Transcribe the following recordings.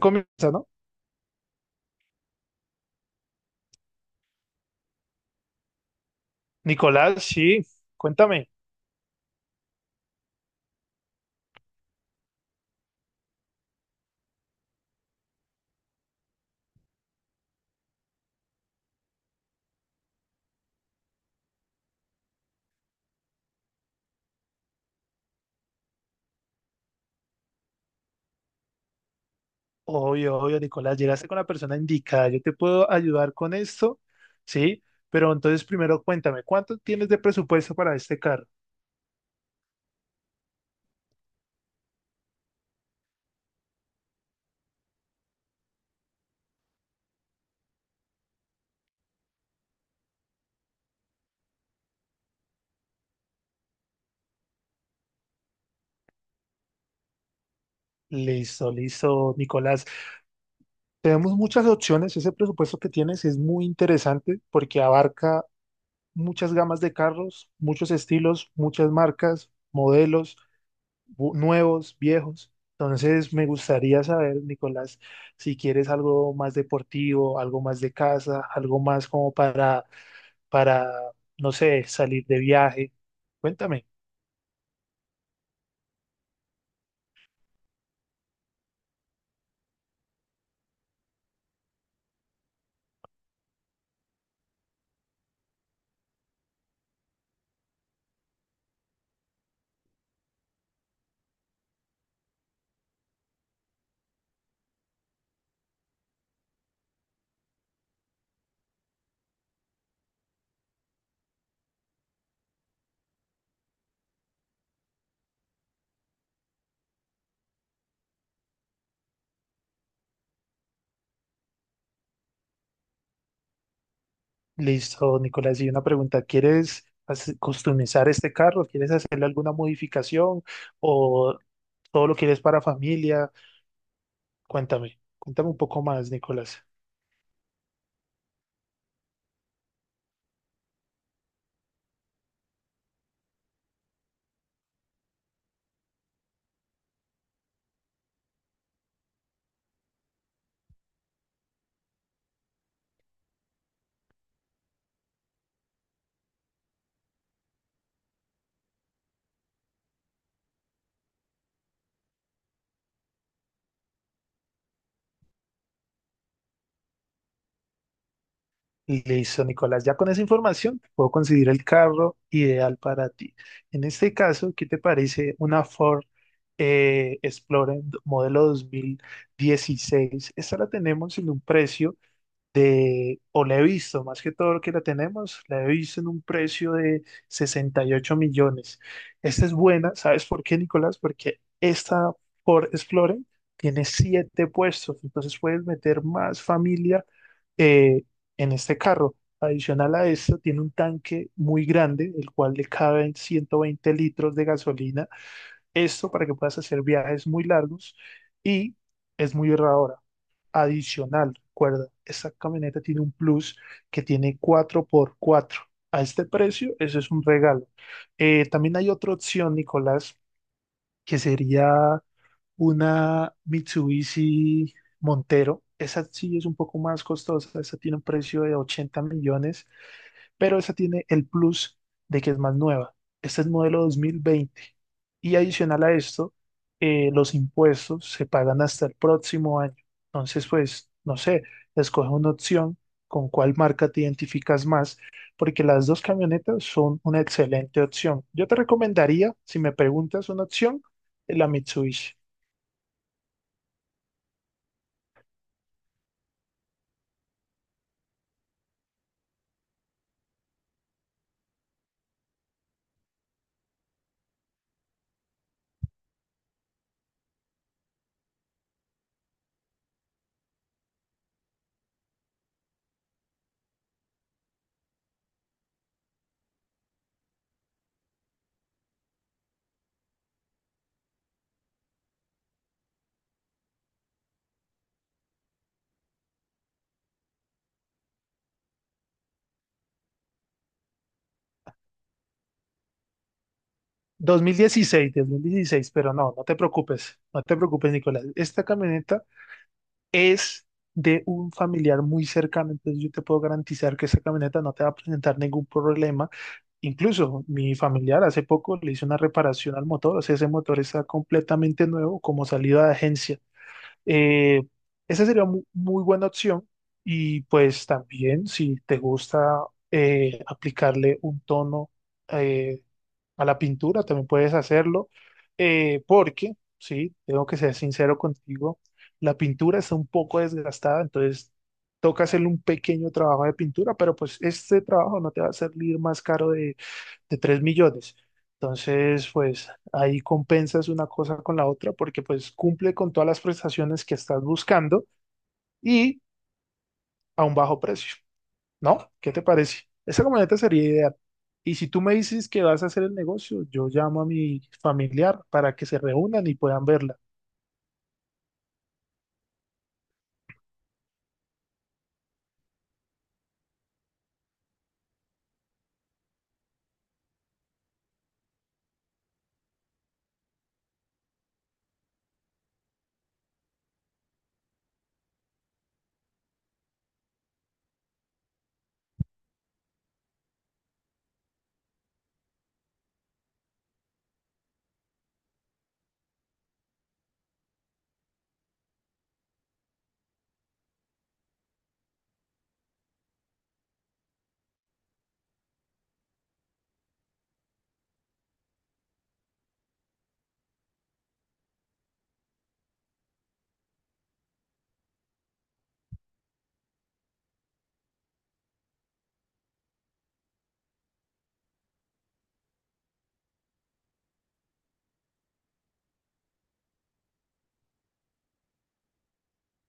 Comienza, ¿no? Nicolás, sí, cuéntame. Obvio, obvio, Nicolás, llegaste con la persona indicada. Yo te puedo ayudar con esto, ¿sí? Pero entonces primero cuéntame, ¿cuánto tienes de presupuesto para este carro? Listo, listo, Nicolás. Tenemos muchas opciones. Ese presupuesto que tienes es muy interesante porque abarca muchas gamas de carros, muchos estilos, muchas marcas, modelos. Nuevos, viejos. Entonces me gustaría saber, Nicolás, si quieres algo más deportivo, algo más de casa, algo más como para no sé, salir de viaje. Cuéntame. Listo, Nicolás, y una pregunta, ¿quieres customizar este carro? ¿Quieres hacerle alguna modificación o todo lo quieres para familia? Cuéntame, cuéntame un poco más, Nicolás. Listo, Nicolás. Ya con esa información puedo conseguir el carro ideal para ti. En este caso, ¿qué te parece una Ford Explorer modelo dos mil dieciséis? Esta la tenemos en un precio de, o la he visto, más que todo lo que la tenemos, la he visto en un precio de 68 millones. Esta es buena, ¿sabes por qué, Nicolás? Porque esta por Explorer tiene siete puestos, entonces puedes meter más familia eh, en este carro. Adicional a esto, tiene un tanque muy grande, el cual le caben 120 litros de gasolina. Esto para que puedas hacer viajes muy largos y es muy ahorradora. Adicional, recuerda, esta camioneta tiene un plus que tiene cuatro por cuatro. A este precio, eso es un regalo. También hay otra opción, Nicolás, que sería una Mitsubishi Montero. Esa sí es un poco más costosa, esa tiene un precio de 80 millones, pero esa tiene el plus de que es más nueva. Este es modelo 2020. Y adicional a esto, los impuestos se pagan hasta el próximo año. Entonces, pues, no sé, escoge una opción con cuál marca te identificas más, porque las dos camionetas son una excelente opción. Yo te recomendaría, si me preguntas una opción, la Mitsubishi. Dos mil dieciséis, dos mil dieciséis. Pero no, no te preocupes, no te preocupes, Nicolás. Esta camioneta es de un familiar muy cercano, entonces yo te puedo garantizar que esa camioneta no te va a presentar ningún problema. Incluso mi familiar hace poco le hizo una reparación al motor, o sea, ese motor está completamente nuevo como salida de agencia. Eh, Esa sería muy buena opción y pues también si te gusta aplicarle un tono eh, a la pintura, también puedes hacerlo, porque, sí, tengo que ser sincero contigo, la pintura está un poco desgastada, entonces toca hacerle un pequeño trabajo de pintura, pero pues este trabajo no te va a salir más caro de 3 millones. Entonces, pues ahí compensas una cosa con la otra porque pues cumple con todas las prestaciones que estás buscando y a un bajo precio. ¿No? ¿Qué te parece? Esa camioneta sería ideal. Y si tú me dices que vas a hacer el negocio, yo llamo a mi familiar para que se reúnan y puedan verla.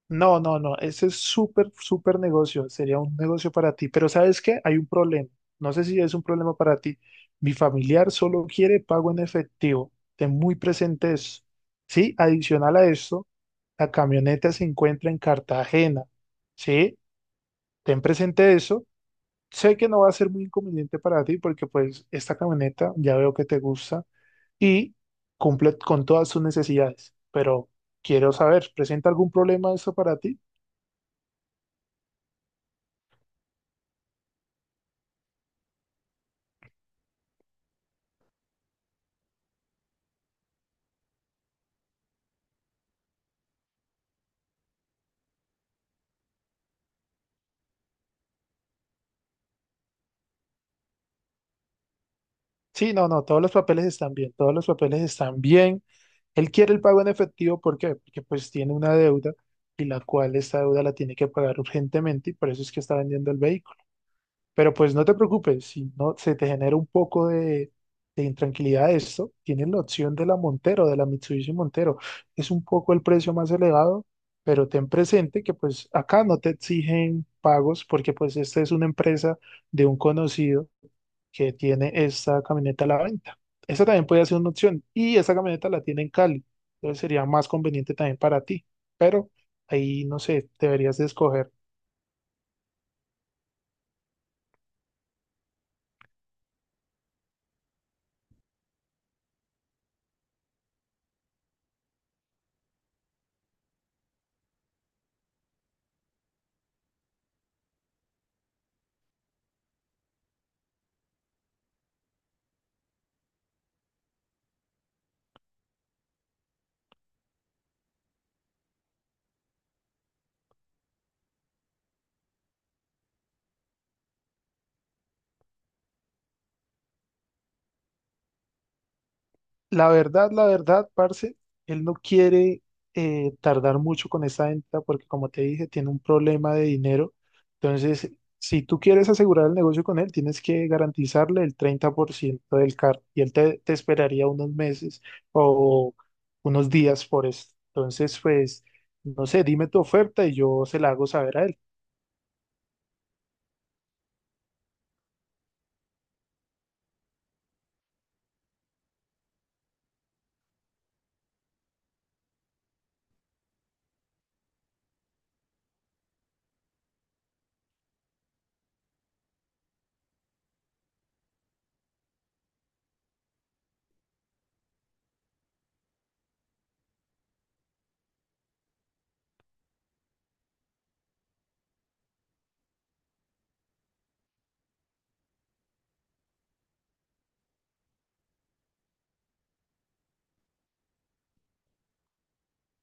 No, no, no, ese es súper, súper negocio, sería un negocio para ti. Pero ¿sabes qué? Hay un problema. No sé si es un problema para ti. Mi familiar solo quiere pago en efectivo. Ten muy presente eso. Sí, adicional a eso, la camioneta se encuentra en Cartagena. Sí, ten presente eso. Sé que no va a ser muy inconveniente para ti porque pues esta camioneta ya veo que te gusta y cumple con todas sus necesidades, pero quiero saber, ¿presenta algún problema eso para ti? Sí, no, no, todos los papeles están bien, todos los papeles están bien. Él quiere el pago en efectivo, ¿por qué? Porque pues tiene una deuda y la cual esta deuda la tiene que pagar urgentemente y por eso es que está vendiendo el vehículo. Pero pues no te preocupes, si no se te genera un poco de intranquilidad esto, tienes la opción de la Montero, de la Mitsubishi Montero. Es un poco el precio más elevado, pero ten presente que pues acá no te exigen pagos porque pues esta es una empresa de un conocido que tiene esta camioneta a la venta. Esa también puede ser una opción y esa camioneta la tiene en Cali, entonces sería más conveniente también para ti, pero ahí no sé, deberías de escoger. La verdad, parce, él no quiere tardar mucho con esa venta porque, como te dije, tiene un problema de dinero. Entonces, si tú quieres asegurar el negocio con él, tienes que garantizarle el 30% del carro y él te esperaría unos meses o unos días por esto. Entonces, pues, no sé, dime tu oferta y yo se la hago saber a él.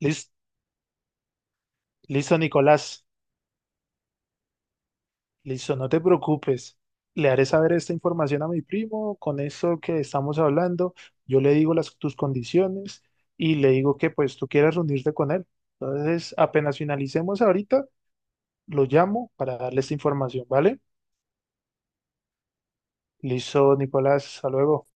Lis- Listo, Nicolás. Listo, no te preocupes. Le haré saber esta información a mi primo, con eso que estamos hablando, yo le digo tus condiciones y le digo que pues tú quieres reunirte con él. Entonces, apenas finalicemos ahorita, lo llamo para darle esta información, ¿vale? Listo, Nicolás, hasta luego.